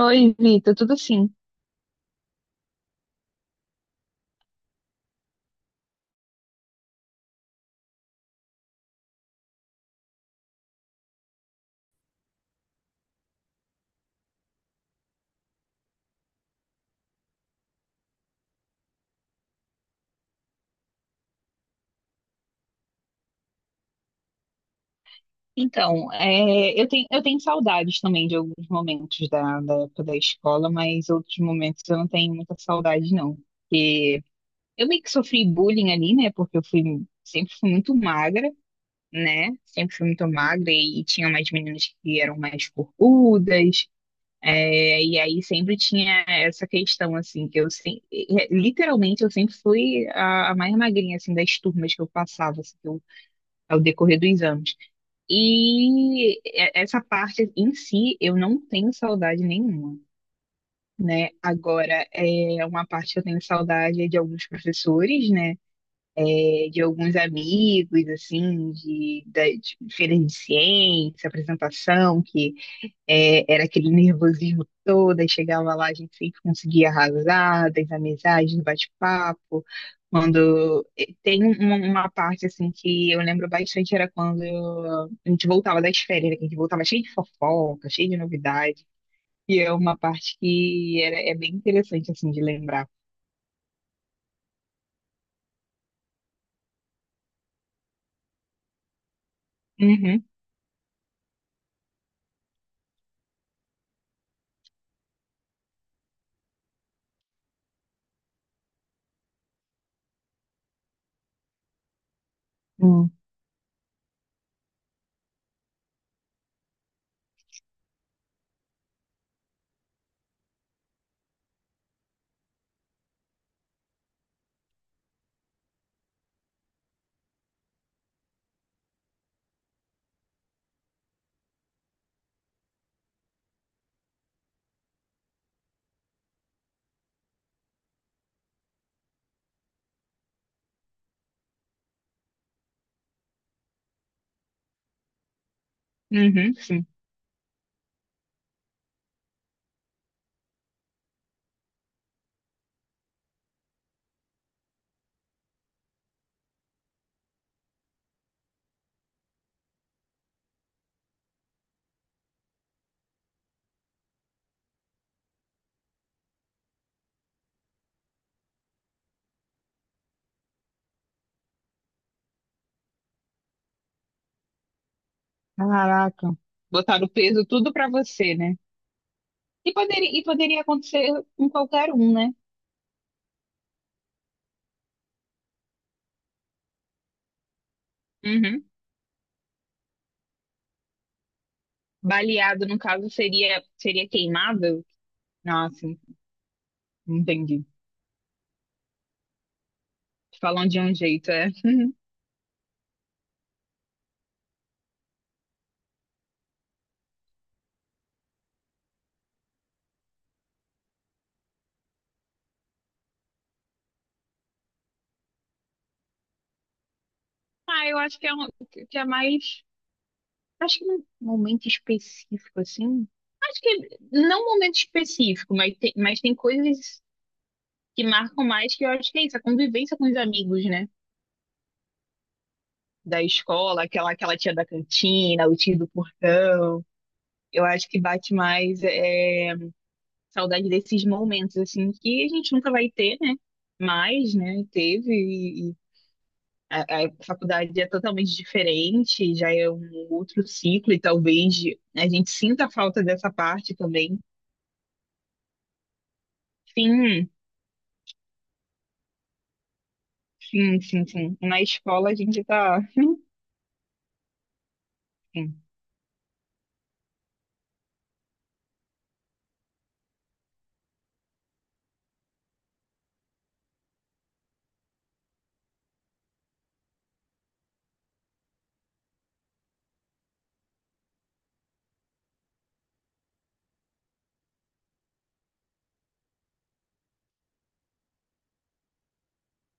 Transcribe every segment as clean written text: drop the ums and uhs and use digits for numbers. Oi, Vitor, tudo sim? Então, eu tenho saudades também de alguns momentos da época da escola, mas outros momentos eu não tenho muita saudade, não. Porque eu meio que sofri bullying ali, né? Sempre fui muito magra, né? Sempre fui muito magra e tinha mais meninas que eram mais corpudas. E aí sempre tinha essa questão, assim, literalmente eu sempre fui a mais magrinha, assim, das turmas que eu passava, assim, ao decorrer dos anos. Essa parte em si eu não tenho saudade nenhuma, né? Agora, é uma parte que eu tenho saudade é de alguns professores, né? É, de alguns amigos, assim, das feiras de ciência, apresentação, que era aquele nervosismo todo, aí chegava lá, a gente sempre conseguia arrasar, das amizades, do bate-papo. Quando tem uma parte assim que eu lembro bastante era quando a gente voltava das férias, né, que a gente voltava cheio de fofoca, cheio de novidade. E é uma parte que é bem interessante assim de lembrar. Uhum. Hum. Uhum, sim. Caraca. Botaram o peso tudo pra você, né? E poderia acontecer com qualquer um, né? Uhum. Baleado, no caso, seria queimado? Nossa, entendi. Falam de um jeito, é. Ah, eu acho que é mais. Acho que num momento específico, assim. Acho que não um momento específico, mas tem coisas que marcam mais, que eu acho que é isso, a convivência com os amigos, né? Da escola, aquela tia da cantina, o tio do portão. Eu acho que bate mais. Saudade desses momentos, assim, que a gente nunca vai ter, né? Mas, né, teve, e a faculdade é totalmente diferente, já é um outro ciclo, e talvez a gente sinta a falta dessa parte também. Sim, sim, sim, sim. Na escola a gente tá. Sim,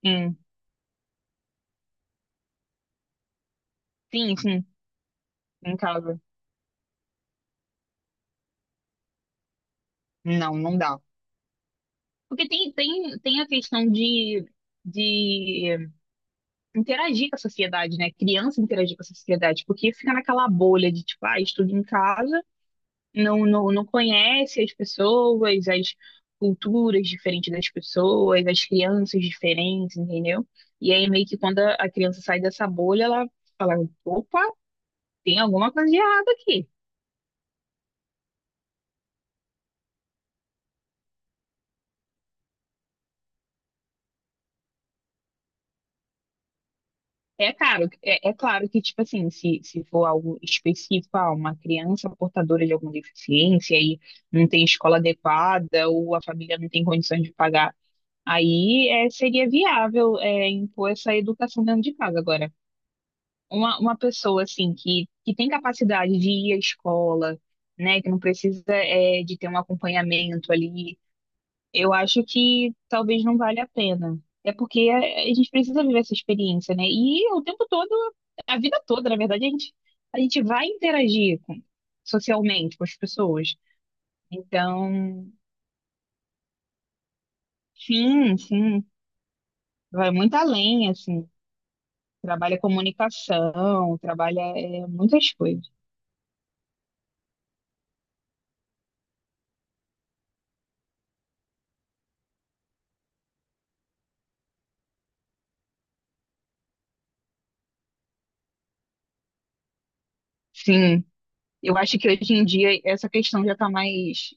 sim, sim, sim, em casa. Não, não dá. Porque tem a questão de. De interagir com a sociedade, né? Criança interagir com a sociedade, porque fica naquela bolha de tipo, ah, estudo em casa, não conhece as pessoas, as culturas diferentes das pessoas, as crianças diferentes, entendeu? E aí meio que quando a criança sai dessa bolha, ela fala, opa, tem alguma coisa de errado aqui. É claro que, tipo assim, se for algo específico, ah, uma criança portadora de alguma deficiência e não tem escola adequada ou a família não tem condições de pagar, aí seria viável impor essa educação dentro de casa agora. Uma pessoa assim que tem capacidade de ir à escola, né, que não precisa de ter um acompanhamento ali, eu acho que talvez não vale a pena. É porque a gente precisa viver essa experiência, né? E o tempo todo, a vida toda, na verdade, a gente vai socialmente com as pessoas. Então, sim, sim, vai muito além, assim. Trabalha comunicação, trabalha muitas coisas. Sim. Eu acho que hoje em dia essa questão já está mais.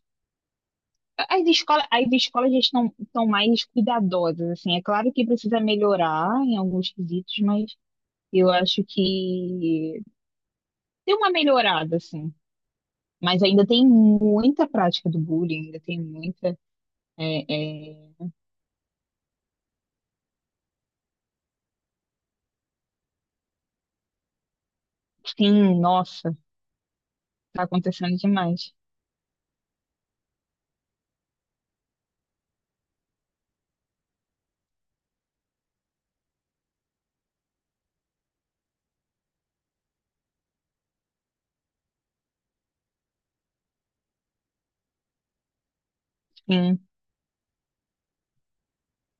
As escolas já estão mais cuidadosas, assim. É claro que precisa melhorar em alguns quesitos, mas eu acho que tem uma melhorada, assim. Mas ainda tem muita prática do bullying, ainda tem muita. é, é, Sim, nossa, tá acontecendo demais. Sim.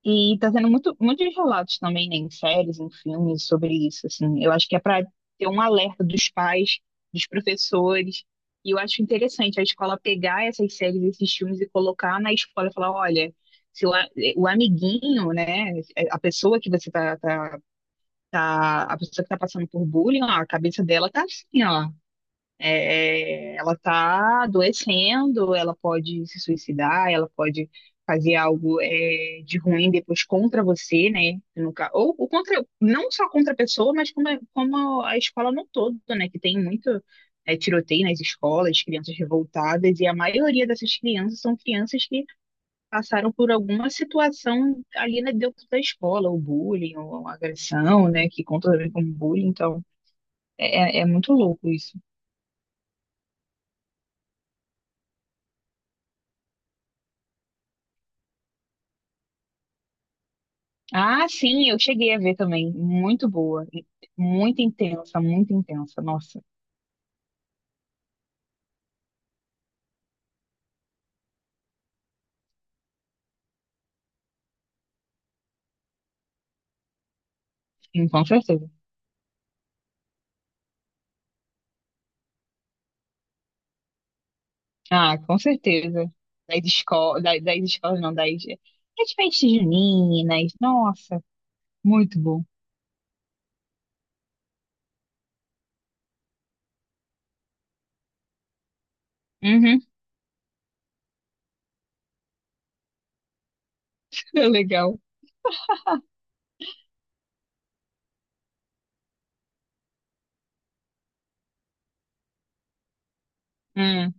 E tá tendo muito, muitos relatos também, né, em séries, em filmes sobre isso, assim. Eu acho que é para ter um alerta dos pais, dos professores. E eu acho interessante a escola pegar essas séries, esses filmes e colocar na escola e falar, olha, se o amiguinho, né, a pessoa que você tá, tá, tá- a pessoa que tá passando por bullying, ó, a cabeça dela tá assim, ó. Ela está adoecendo, ela pode se suicidar, ela pode fazer algo de ruim depois contra você, né? Ou contra, não só contra a pessoa, mas como, como a escola no todo, né? Que tem muito tiroteio nas escolas, crianças revoltadas, e a maioria dessas crianças são crianças que passaram por alguma situação ali, né, dentro da escola, ou bullying, ou agressão, né? Que conta também como bullying. Então é muito louco isso. Ah, sim, eu cheguei a ver também. Muito boa. E muito intensa, muito intensa. Nossa, sim, com certeza. Ah, com certeza. Das escolas, das, das escolas não, das, das festas juninas. Nossa, muito bom. Uhum. Legal. Hum,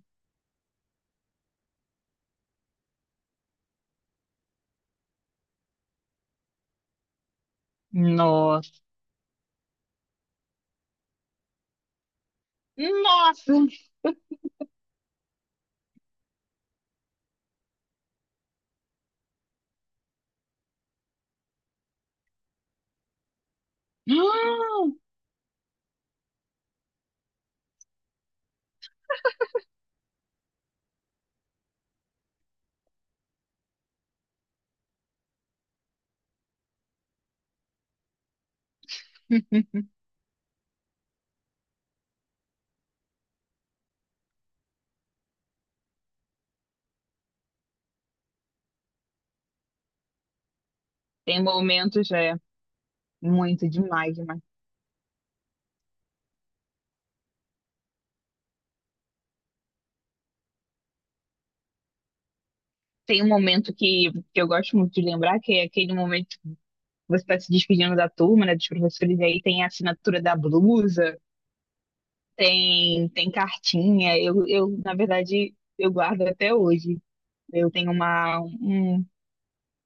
nossa. Nossa! Ah, tem momentos, é, muito demais, demais. Tem um momento que eu gosto muito de lembrar, que é aquele momento que você está se despedindo da turma, né, dos professores, e aí tem a assinatura da blusa. Tem, tem cartinha. Na verdade, eu guardo até hoje. Eu tenho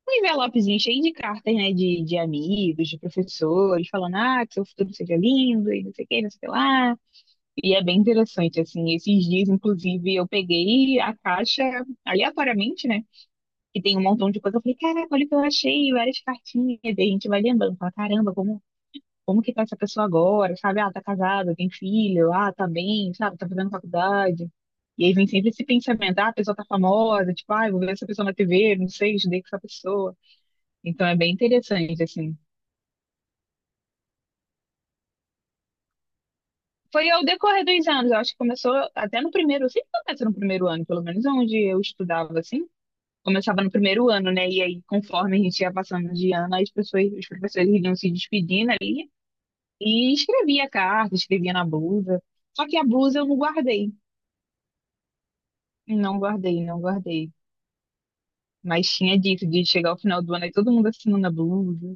um envelopezinho cheio de cartas, né? De amigos, de professores, falando, ah, que seu futuro seja lindo e não sei o que, não sei o que lá. E é bem interessante, assim. Esses dias, inclusive, eu peguei a caixa aleatoriamente, né? Que tem um montão de coisa. Eu falei, caraca, olha o que eu achei, várias cartinhas. E daí a gente vai lembrando, fala, caramba, como que tá essa pessoa agora, sabe? Ah, tá casada, tem filho, ah, tá bem, sabe? Tá fazendo faculdade. E aí vem sempre esse pensamento, ah, a pessoa tá famosa, tipo, ah, eu vou ver essa pessoa na TV, não sei, estudei com essa pessoa. Então é bem interessante, assim. Foi ao decorrer dos anos, eu acho que começou até no primeiro, sempre começa no 1º ano, pelo menos onde eu estudava, assim. Começava no 1º ano, né? E aí, conforme a gente ia passando de ano, as pessoas, os professores iam se despedindo ali e escrevia carta, escrevia na blusa. Só que a blusa eu não guardei. Não guardei, não guardei. Mas tinha dito de chegar ao final do ano e todo mundo assinando a blusa.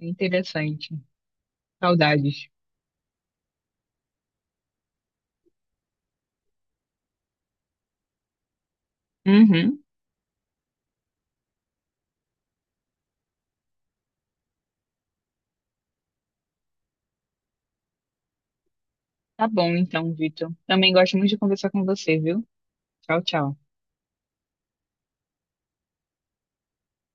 É interessante. Saudades. Uhum. Tá bom então, Vitor. Também gosto muito de conversar com você, viu? Tchau, tchau.